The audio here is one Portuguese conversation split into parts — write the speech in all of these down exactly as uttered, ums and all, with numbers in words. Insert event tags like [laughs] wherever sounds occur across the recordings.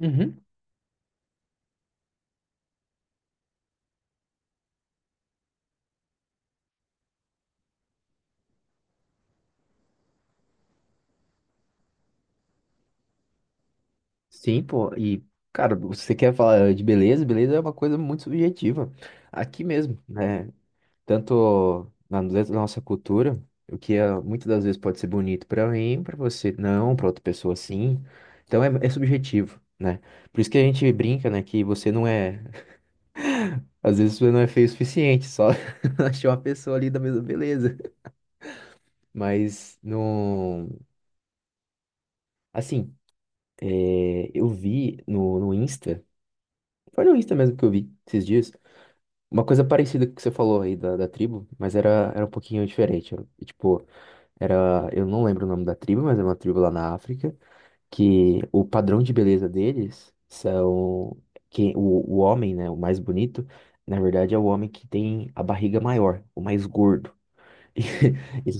Uhum. Sim, pô. E, cara, você quer falar eh, de beleza? Beleza é uma coisa muito subjetiva. Aqui mesmo, né? Tanto na dentro da nossa cultura, o que é, muitas das vezes pode ser bonito pra mim, pra você não, pra outra pessoa sim. Então é, é subjetivo, né? Por isso que a gente brinca, né? Que você não é. [laughs] Às vezes você não é feio o suficiente, só [laughs] achou uma pessoa ali da mesma beleza. Mas não. Assim, é, eu vi no, no Insta. Foi no Insta mesmo que eu vi esses dias uma coisa parecida com o que você falou aí da, da tribo, mas era, era um pouquinho diferente. Era, tipo, era, eu não lembro o nome da tribo, mas é uma tribo lá na África, que o padrão de beleza deles são que o, o homem, né, o mais bonito, na verdade é o homem que tem a barriga maior, o mais gordo. [laughs] E,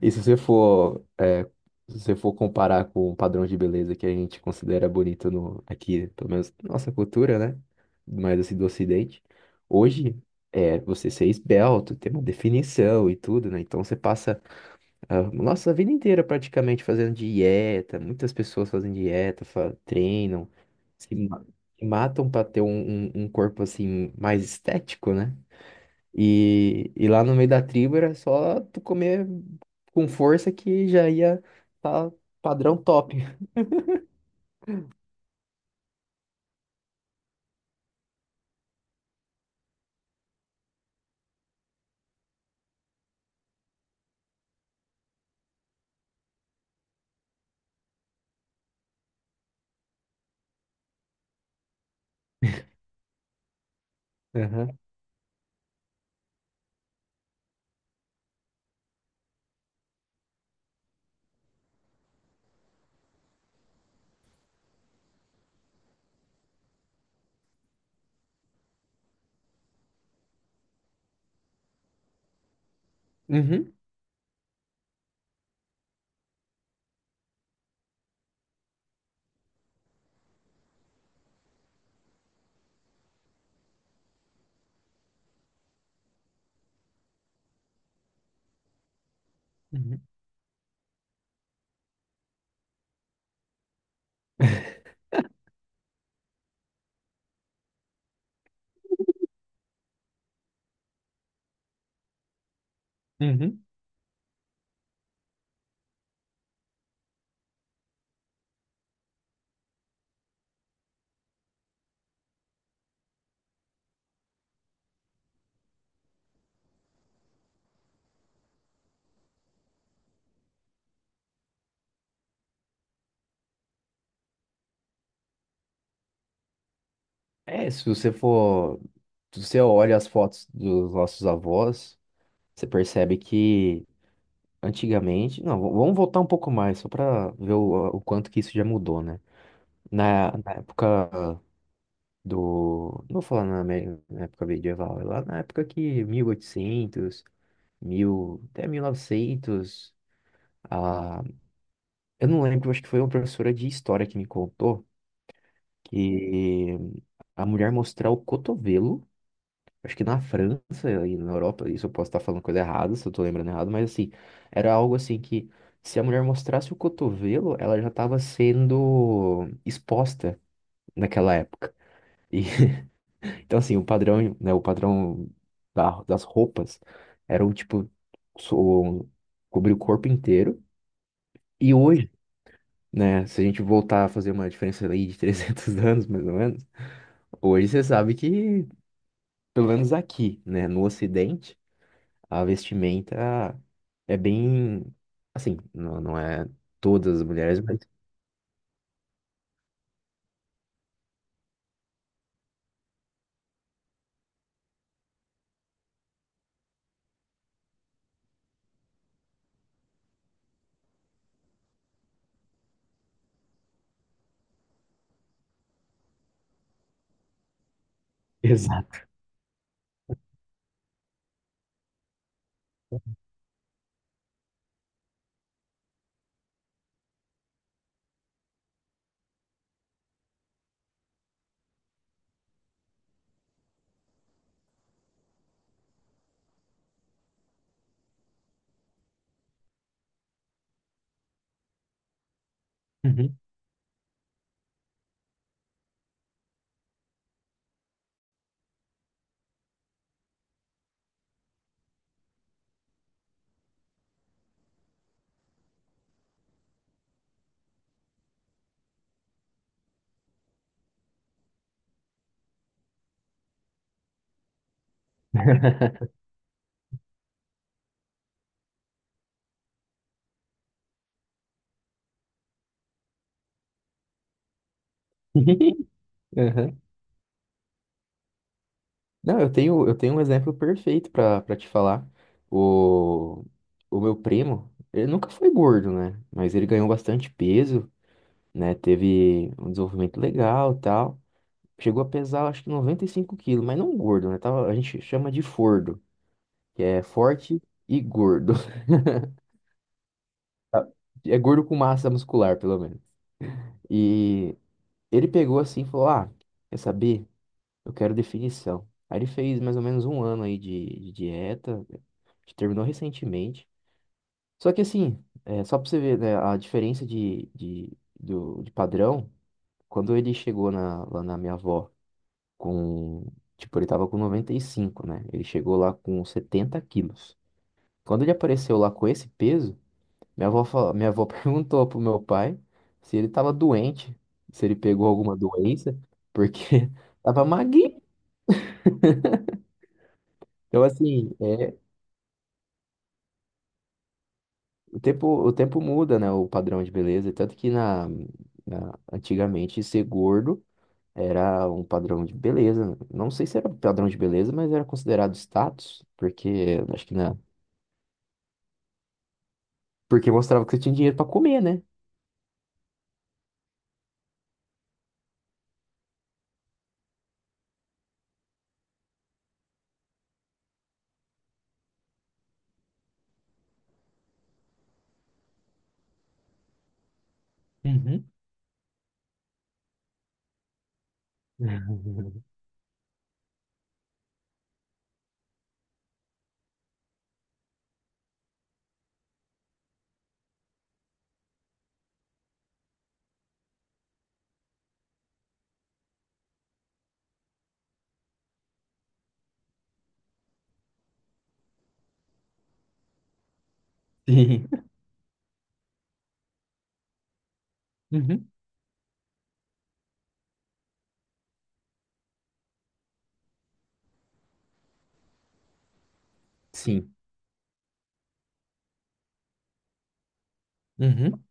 e se você for, é, se você for comparar com o padrão de beleza que a gente considera bonito no, aqui, pelo menos na nossa cultura, né? Mais assim do Ocidente, hoje é você ser esbelto, ter uma definição e tudo, né? Então você passa a nossa vida inteira praticamente fazendo dieta, muitas pessoas fazem dieta, fa- treinam, se ma- se matam para ter um, um um corpo assim mais estético, né? E, e lá no meio da tribo era só tu comer com força que já ia tá padrão top. Aham. Uhum. Uhum. Uhum. É, se você for. Se você olha as fotos dos nossos avós, você percebe que antigamente. Não, v- vamos voltar um pouco mais, só para ver o, o quanto que isso já mudou, né? Na, na época do. Não vou falar na, me- na época medieval, é lá na época que mil e oitocentos mil, até mil e novecentos. Ah, eu não lembro, acho que foi uma professora de história que me contou que a mulher mostrar o cotovelo, acho que na França e na Europa, isso eu posso estar falando coisa errada, se eu tô lembrando errado, mas assim, era algo assim que se a mulher mostrasse o cotovelo, ela já estava sendo exposta naquela época. E, [laughs] então assim, o padrão, né, o padrão da- das roupas era o tipo so- cobrir o corpo inteiro. E hoje, né? Se a gente voltar a fazer uma diferença aí de [laughs] trezentos anos, mais ou menos, hoje você sabe que, pelo menos aqui, né, no Ocidente, a vestimenta é bem, assim, não, não é todas as mulheres, mas... Exato. Uhum. [laughs] Aham. Não, eu tenho, eu tenho um exemplo perfeito pra para te falar. O, o meu primo, ele nunca foi gordo, né? Mas ele ganhou bastante peso, né? Teve um desenvolvimento legal, tal. Chegou a pesar, acho que noventa e cinco quilos, mas não gordo, né? Tava, a gente chama de fordo, que é forte e gordo. [laughs] É gordo com massa muscular, pelo menos. E ele pegou assim e falou: Ah, quer saber? Eu quero definição. Aí ele fez mais ou menos um ano aí de, de dieta, que terminou recentemente. Só que assim, é, só pra você ver, né, a diferença de, de, do, de padrão, quando ele chegou na, lá na minha avó com, tipo, ele tava com noventa e cinco, né? Ele chegou lá com setenta quilos. Quando ele apareceu lá com esse peso, minha avó, fala- minha avó [laughs] perguntou pro meu pai se ele tava doente, se ele pegou alguma doença, porque [laughs] tava magrinho. Então, assim, é, o tempo, o tempo muda, né? O padrão de beleza. Tanto que na, na- antigamente ser gordo era um padrão de beleza. Não sei se era um padrão de beleza, mas era considerado status, porque acho que na... Porque mostrava que você tinha dinheiro pra comer, né? Uhum. [laughs] Sim. Uhum. Sim. Uhum.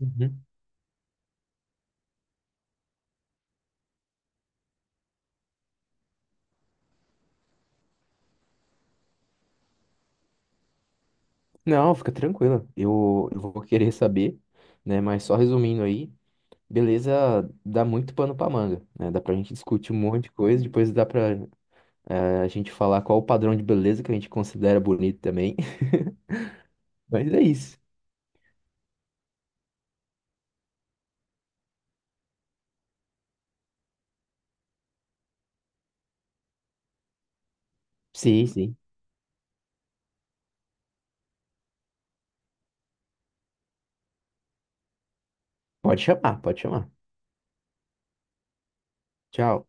Uhum. Não, fica tranquila. Eu, eu vou querer saber, né? Mas só resumindo aí, beleza, dá muito pano pra manga, né? Dá pra gente discutir um monte de coisa, depois dá pra eh, a gente falar qual o padrão de beleza que a gente considera bonito também. [laughs] Mas é isso. Sim, sim. Pode chamar, pode chamar. Tchau.